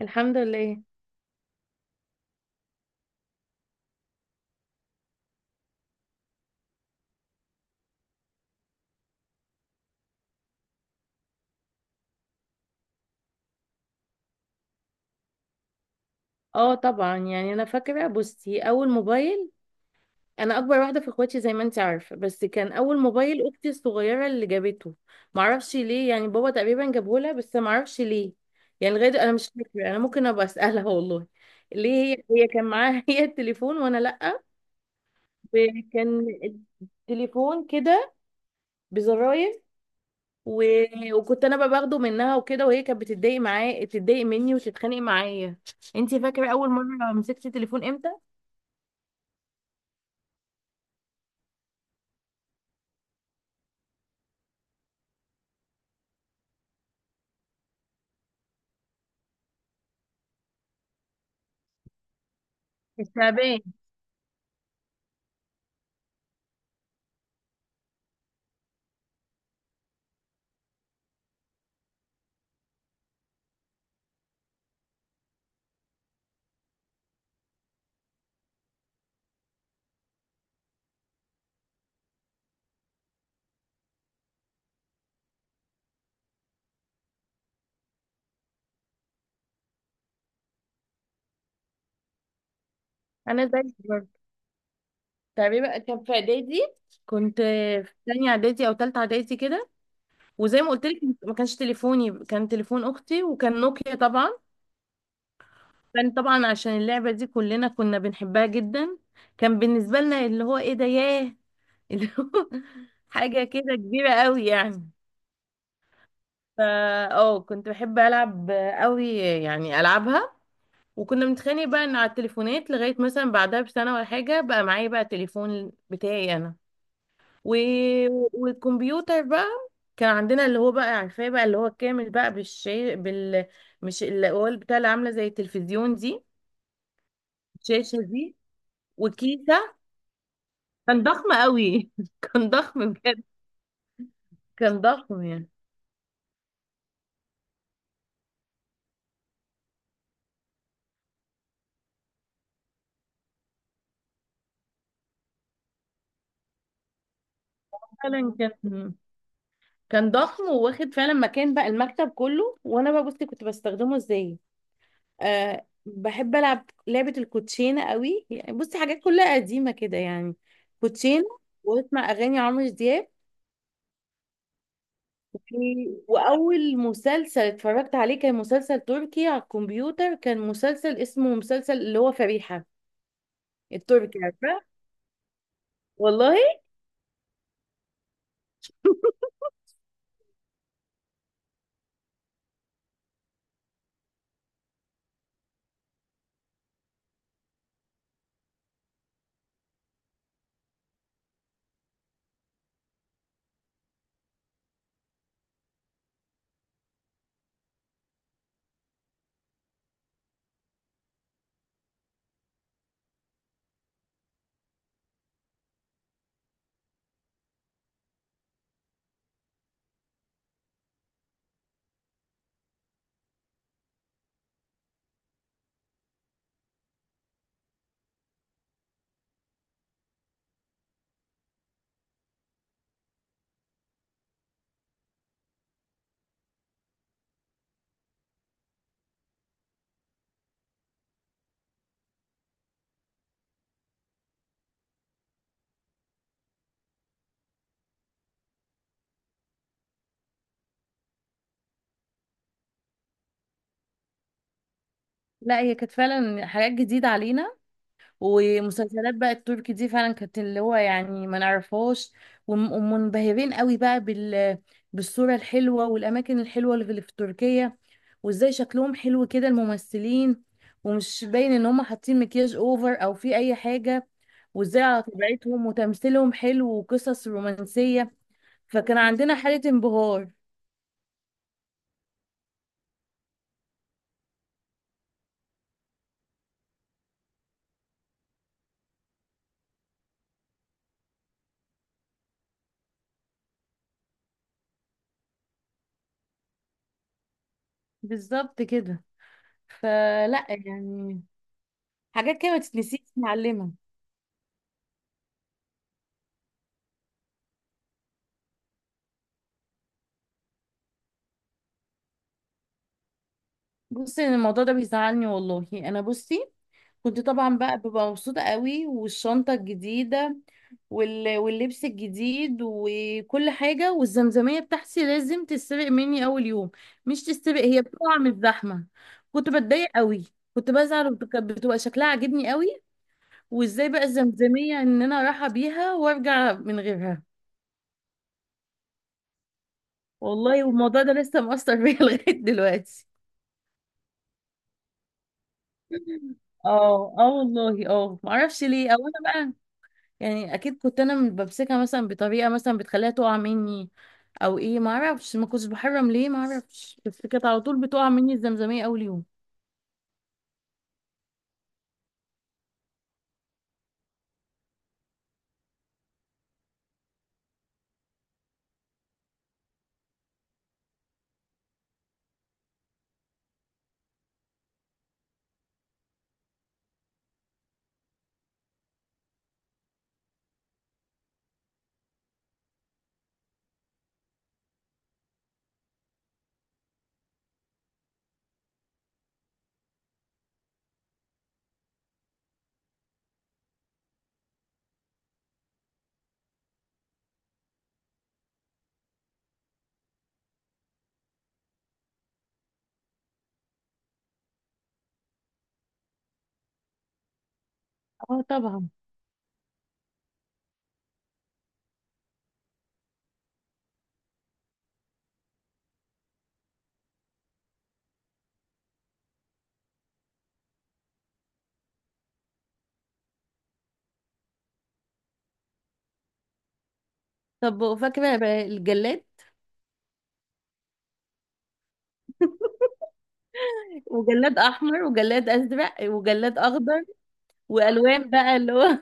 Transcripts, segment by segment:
الحمد لله. اه طبعا، يعني انا فاكره. بصي، اول موبايل، انا اكبر واحده في اخواتي زي ما انت عارفه، بس كان اول موبايل اختي الصغيره اللي جابته. معرفش ليه، يعني بابا تقريبا جابه لها، بس معرفش ليه. يعني لغايه انا مش فاكره. انا ممكن ابقى اسالها والله. ليه؟ هي هي كان معاها هي التليفون وانا لا. كان التليفون كده بزراير. و... وكنت انا بقى باخده منها وكده، وهي كانت بتتضايق معايا، تتضايق مني وتتخانق معايا. انتي فاكره اول مره مسكتي تليفون امتى؟ الشعبية. أنا زيك برضه. الشعبية بقى كان في إعدادي. كنت في تانية إعدادي أو تالتة إعدادي كده. وزي ما قلت لك، ما كانش تليفوني، كان تليفون أختي، وكان نوكيا طبعا. كان طبعا عشان اللعبة دي كلنا كنا بنحبها جدا. كان بالنسبة لنا اللي هو إيه ده، ياه، اللي هو حاجة كده كبيرة قوي يعني. فا اه كنت بحب ألعب قوي يعني، ألعبها. وكنا بنتخانق بقى إن على التليفونات، لغاية مثلا بعدها بسنة ولا حاجة بقى معايا بقى تليفون بتاعي أنا. و... والكمبيوتر بقى، كان عندنا اللي هو بقى عارفاه بقى، اللي هو كامل بقى بالشي مش اللي هو اللي بتاع اللي عامله زي التلفزيون دي. الشاشه دي، وكيسه. كان ضخم قوي كان ضخم بجد. كان ضخم يعني. فعلا كان ضخم، وواخد فعلا مكان بقى المكتب كله. وانا بقى بصي كنت بستخدمه ازاي. أه بحب العب لعبه الكوتشينه قوي يعني، بصي حاجات كلها قديمه كده يعني. كوتشينه، واسمع اغاني عمرو دياب. واول مسلسل اتفرجت عليه كان مسلسل تركي على الكمبيوتر، كان مسلسل اسمه مسلسل اللي هو فريحة. التركي، عارفة. والله. لا، هي كانت فعلا حاجات جديدة علينا. ومسلسلات بقى التركي دي فعلا كانت اللي هو يعني ما نعرفهاش. ومنبهرين قوي بقى بالصورة الحلوة والأماكن الحلوة اللي في تركيا. وازاي شكلهم حلو كده الممثلين، ومش باين ان هم حاطين مكياج اوفر او في اي حاجة. وازاي على طبيعتهم، وتمثيلهم حلو، وقصص رومانسية. فكان عندنا حالة انبهار. بالظبط كده. فلا يعني، حاجات كده ما تتنسيش معلمة. بصي أنا الموضوع ده بيزعلني والله. انا بصي كنت طبعا بقى ببقى مبسوطة قوي والشنطة الجديدة، واللبس الجديد وكل حاجة. والزمزمية بتاعتي لازم تتسرق مني أول يوم. مش تتسرق، هي بتقع من الزحمة. كنت بتضايق قوي. كنت بزعل بتبقى شكلها عاجبني قوي. وازاي بقى الزمزمية ان انا رايحة بيها وارجع من غيرها. والله، والموضوع ده لسه مؤثر بيا لغاية دلوقتي. اه، اه والله، اه معرفش ليه، او انا بقى يعني اكيد كنت انا بمسكها مثلا بطريقه مثلا بتخليها تقع مني، او ايه ما اعرفش. ما كنتش بحرم، ليه ما اعرفش، بس كانت على طول بتقع مني الزمزميه اول يوم. اه طبعا. طب فاكره بقى الجلاد؟ وجلاد احمر وجلاد ازرق وجلاد اخضر. والوان بقى اللي هو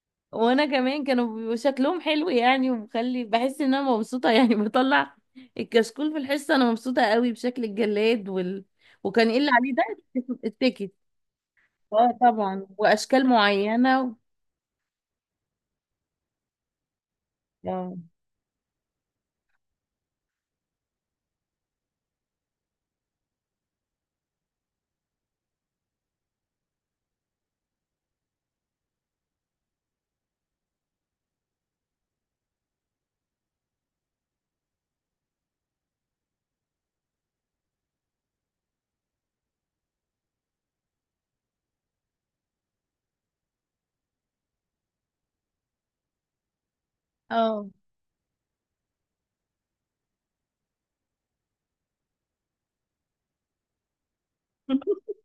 وانا كمان، كانوا بيبقوا شكلهم حلو يعني، ومخلي بحس ان انا مبسوطه يعني بطلع الكشكول في الحصه انا مبسوطه قوي بشكل الجلاد وكان ايه اللي عليه ده، التيكت. اه طبعا، واشكال معينه. اه اه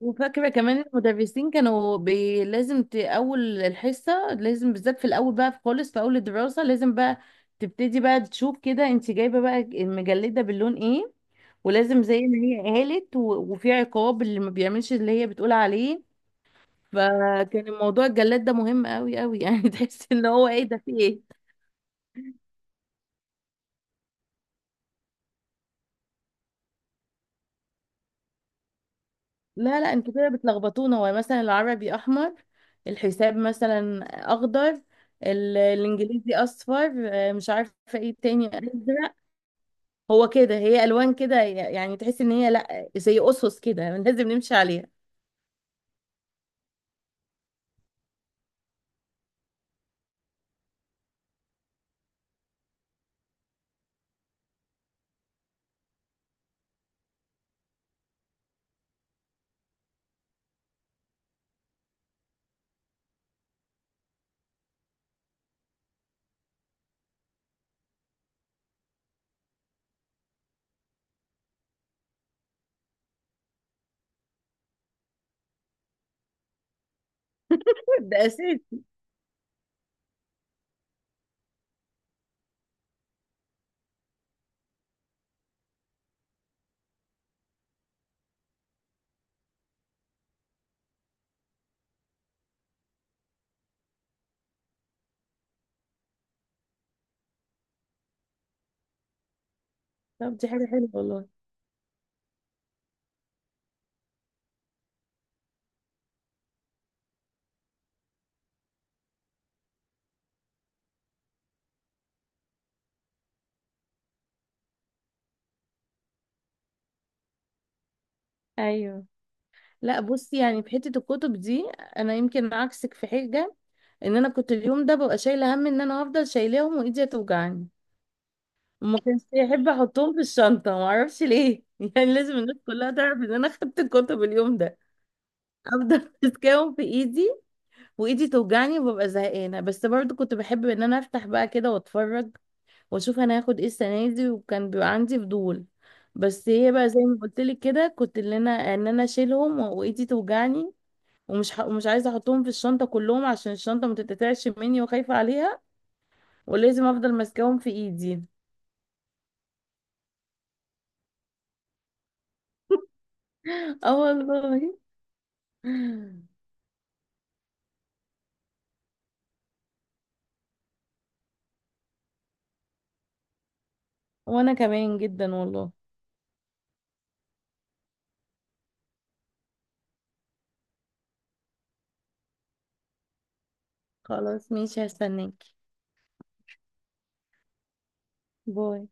وفاكره كمان المدرسين كانوا لازم اول الحصه لازم، بالذات في الاول بقى خالص، في اول الدراسه لازم بقى تبتدي بقى تشوف كده انت جايبه بقى المجلده باللون ايه. ولازم زي ما هي قالت. وفي عقاب اللي ما بيعملش اللي هي بتقول عليه. فكان الموضوع الجلاد ده مهم قوي قوي يعني تحس ان هو ايه ده، في ايه. لا لا، انتوا كده بتلخبطونا. هو مثلا العربي احمر، الحساب مثلا اخضر، الانجليزي اصفر، مش عارفه ايه تاني، ازرق. هو كده، هي الوان كده يعني، تحس ان هي لا، زي اسس كده لازم نمشي عليها. ده اساسي. طب دي حاجه حلوه والله. ايوه. لا بصي يعني في حته الكتب دي، انا يمكن عكسك في حاجه، ان انا كنت اليوم ده ببقى شايله هم ان انا هفضل شايلاهم وايدي هتوجعني. وما كانش يحب احطهم في الشنطه، ما اعرفش ليه يعني لازم الناس كلها تعرف ان انا خدت الكتب اليوم ده. افضل ماسكاهم في ايدي، وايدي توجعني وببقى زهقانه، بس برضو كنت بحب ان انا افتح بقى كده واتفرج واشوف انا هاخد ايه السنه دي، وكان بيبقى عندي فضول. بس هي بقى زي ما قلت لك كده، كنت اللي انا ان انا اشيلهم وايدي توجعني. مش عايزه احطهم في الشنطه كلهم عشان الشنطه ما تتقطعش مني، وخايفه عليها. ولازم افضل ماسكاهم في ايدي. اه والله. وانا كمان جدا والله. خلاص ماشي، هستناك. باي.